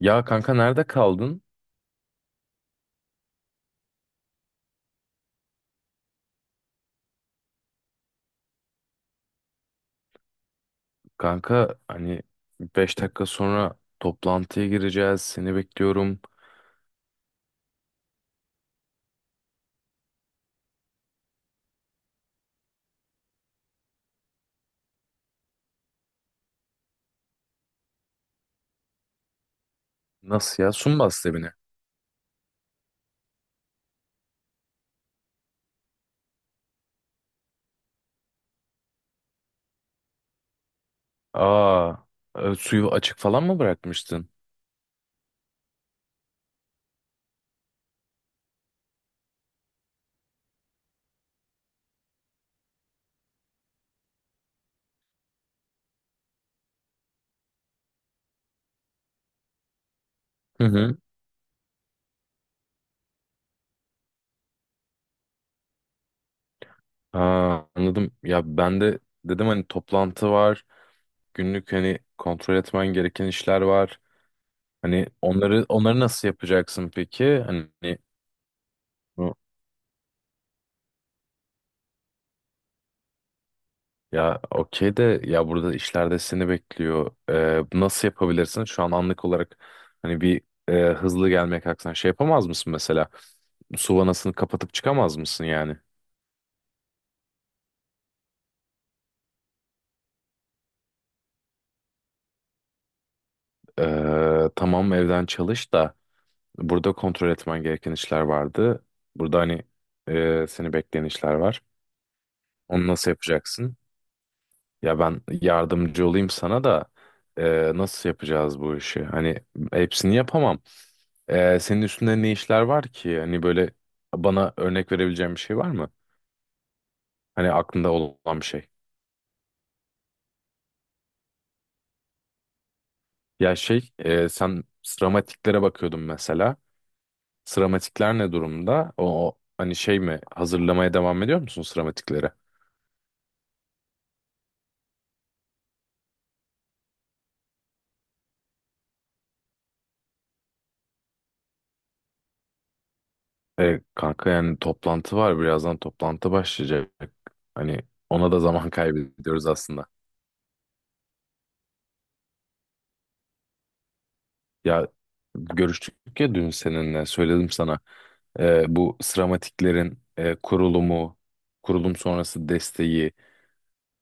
Ya kanka nerede kaldın? Kanka hani 5 dakika sonra toplantıya gireceğiz. Seni bekliyorum. Nasıl ya? Su mu bastı evine? Aa, suyu açık falan mı bırakmıştın? Hı hı. Aa, anladım. Ya ben de dedim hani toplantı var. Günlük hani kontrol etmen gereken işler var. Hani onları nasıl yapacaksın peki? Hani ya okey de ya burada işlerde seni bekliyor. Bu nasıl yapabilirsin? Şu an anlık olarak hani bir hızlı gelmeye kalksan şey yapamaz mısın mesela? Su vanasını kapatıp çıkamaz mısın yani? Tamam, evden çalış da burada kontrol etmen gereken işler vardı. Burada hani seni bekleyen işler var. Onu nasıl yapacaksın? Ya ben yardımcı olayım sana da nasıl yapacağız bu işi? Hani hepsini yapamam. Senin üstünde ne işler var ki? Hani böyle bana örnek verebileceğin bir şey var mı? Hani aklında olan bir şey. Ya şey, sen sıramatiklere bakıyordun mesela. Sıramatikler ne durumda? O, o hani şey mi? Hazırlamaya devam ediyor musun sıramatikleri? Kanka, yani toplantı var. Birazdan toplantı başlayacak. Hani ona da zaman kaybediyoruz aslında. Ya görüştük ya dün, seninle söyledim sana. Bu sıramatiklerin kurulumu, kurulum sonrası desteği,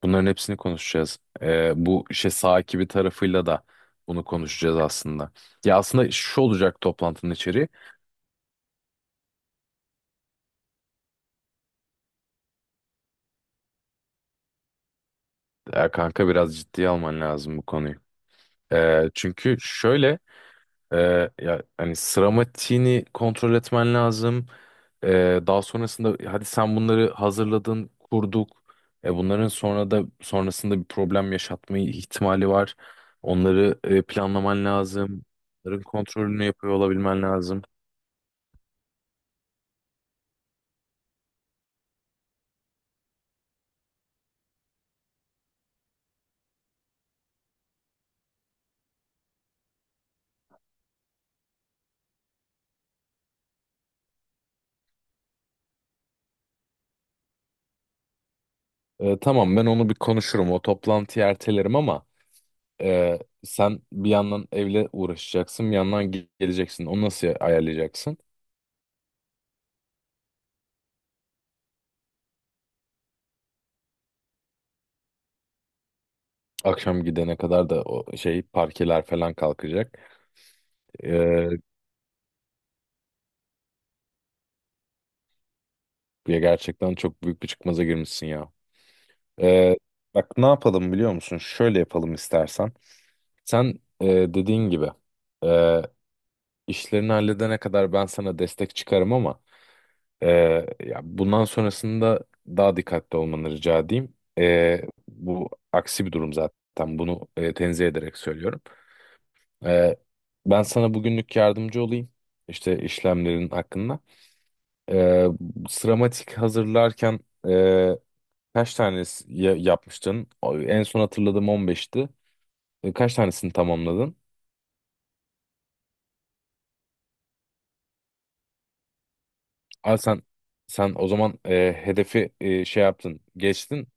bunların hepsini konuşacağız. Bu işte sahibi tarafıyla da bunu konuşacağız aslında. Ya aslında şu olacak toplantının içeriği. Ya kanka, biraz ciddiye alman lazım bu konuyu. Çünkü şöyle. Ya hani, sıramatiğini kontrol etmen lazım. Daha sonrasında hadi sen bunları hazırladın, kurduk. Bunların sonra da sonrasında bir problem yaşatmayı ihtimali var. Onları planlaman lazım. Bunların kontrolünü yapıyor olabilmen lazım. Tamam, ben onu bir konuşurum. O toplantıyı ertelerim ama sen bir yandan evle uğraşacaksın, bir yandan geleceksin. Onu nasıl ayarlayacaksın? Akşam gidene kadar da o şey parkeler falan kalkacak. Ee, Ya gerçekten çok büyük bir çıkmaza girmişsin ya. Ee, Bak, ne yapalım biliyor musun? Şöyle yapalım istersen. Sen dediğin gibi e, işlerini halledene kadar ben sana destek çıkarım ama e, ya bundan sonrasında daha dikkatli olmanı rica edeyim. Bu aksi bir durum zaten. Bunu tenzih ederek söylüyorum. E, Ben sana bugünlük yardımcı olayım. İşte işlemlerin hakkında. E, Sıramatik hazırlarken e, kaç tanesi yapmıştın? En son hatırladığım 15'ti. Kaç tanesini tamamladın? Aa, sen o zaman hedefi şey yaptın, geçtin.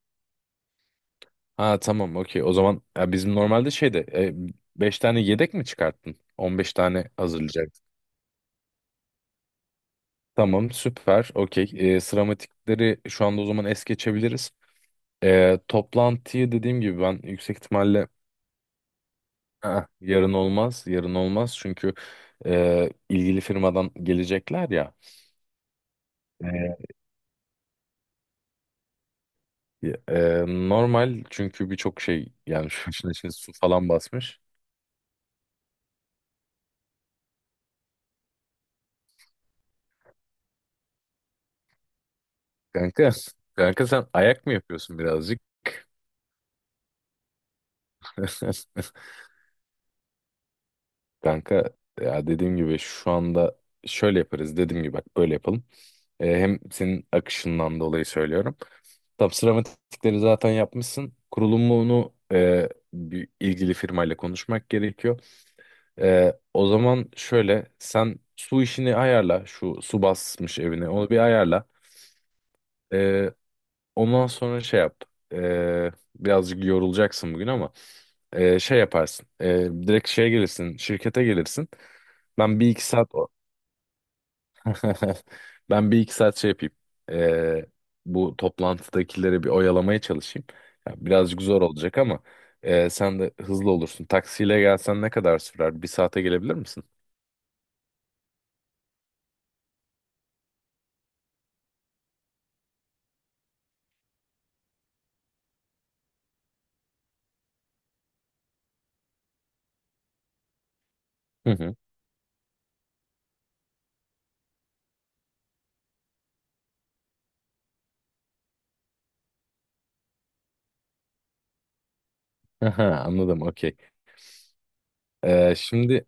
Ha tamam, okey. O zaman ya, bizim normalde şeyde 5 tane yedek mi çıkarttın? 15 tane hazırlayacaktın. Tamam süper, okey. Sıramatikleri şu anda o zaman es geçebiliriz. Toplantıyı dediğim gibi ben yüksek ihtimalle... "Ah, yarın olmaz, yarın olmaz. Çünkü ilgili firmadan gelecekler ya. E, Ya, normal çünkü birçok şey, yani şu işin içine su falan basmış. Kanka, kanka sen ayak mı yapıyorsun birazcık? Kanka, ya dediğim gibi şu anda şöyle yaparız, dediğim gibi bak, böyle yapalım. Hem senin akışından dolayı söylüyorum. Tam sıramatikleri zaten yapmışsın. Kurulumunu bir ilgili firmayla konuşmak gerekiyor. O zaman şöyle, sen su işini ayarla, şu su basmış evine onu bir ayarla. Ondan sonra şey yap. Birazcık yorulacaksın bugün ama şey yaparsın. Direkt şeye gelirsin, şirkete gelirsin. Ben bir iki saat o- Ben bir iki saat şey yapayım. Ee, Bu toplantıdakileri bir oyalamaya çalışayım. Ya, birazcık zor olacak ama sen de hızlı olursun. Taksiyle gelsen ne kadar sürer? Bir saate gelebilir misin? Hı hı. Aha, anladım, okey. Şimdi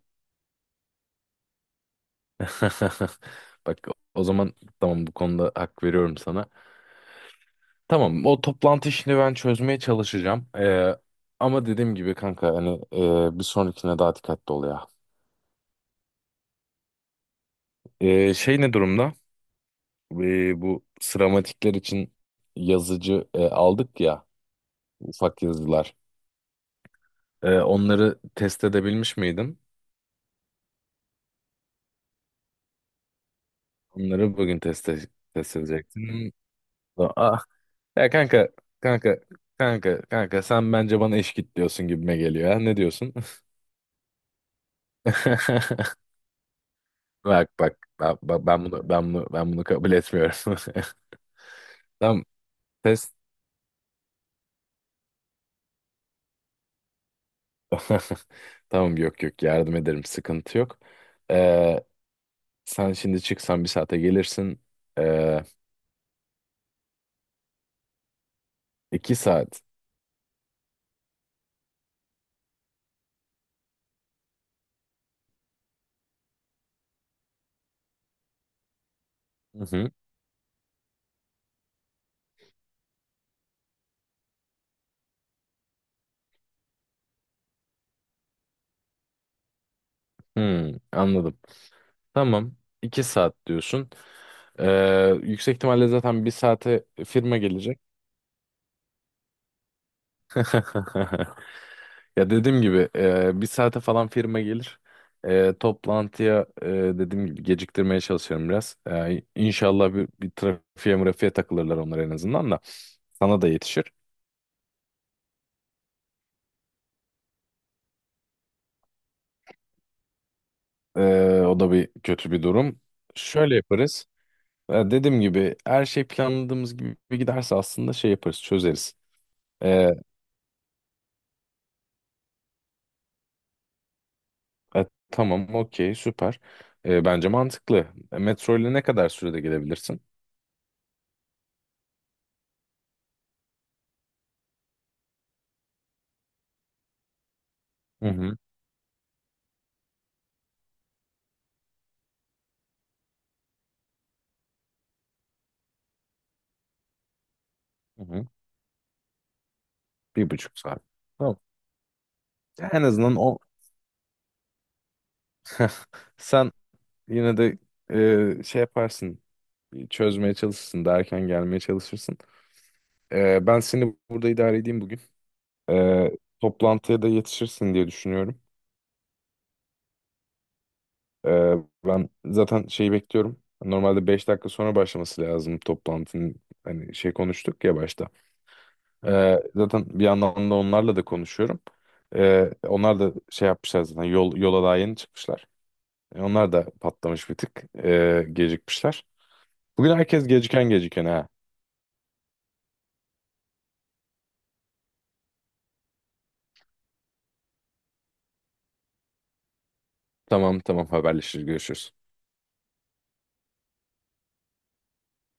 bak, o zaman tamam, bu konuda hak veriyorum sana. Tamam, o toplantı işini ben çözmeye çalışacağım. Ama dediğim gibi kanka, hani bir sonrakine daha dikkatli ol ya. Şey ne durumda? Bu sıramatikler için yazıcı aldık ya, ufak yazılar. Onları test edebilmiş miydin? Onları bugün test edecektin. Hmm. Ah, ya kanka, kanka kanka kanka sen bence bana eş git diyorsun gibime geliyor ya. Ne diyorsun? Bak bak, ben bunu kabul etmiyorum. Tamam test tamam, yok yok, yardım ederim, sıkıntı yok. Ee, Sen şimdi çıksan bir saate gelirsin. Ee, iki saat. Hı hı. Hmm, anladım. Tamam, 2 saat diyorsun. Yüksek ihtimalle zaten bir saate firma gelecek. Ya dediğim gibi bir saate falan firma gelir. Toplantıya dediğim gibi geciktirmeye çalışıyorum biraz. İnşallah bir trafiğe mırafiğe takılırlar onlar, en azından da. Sana da yetişir. O da bir kötü bir durum. Şöyle yaparız. Dediğim gibi her şey planladığımız gibi giderse aslında şey yaparız, çözeriz. Ee, e, tamam, okey, süper. Bence mantıklı. Metro ile ne kadar sürede gelebilirsin? Hı hı, hı hı. 1,5 saat. Tamam. En azından o, sen yine de şey yaparsın, çözmeye çalışırsın, daha erken gelmeye çalışırsın. Ben seni burada idare edeyim bugün. Ee, Toplantıya da yetişirsin diye düşünüyorum. Ee, Ben zaten şeyi bekliyorum. Normalde 5 dakika sonra başlaması lazım toplantının. Hani şey konuştuk ya başta. Zaten bir yandan da onlarla da konuşuyorum. Onlar da şey yapmışlar zaten. Yola daha yeni çıkmışlar. Onlar da patlamış bir tık. Gecikmişler. Bugün herkes geciken geciken ha. Tamam tamam, haberleşiriz, görüşürüz.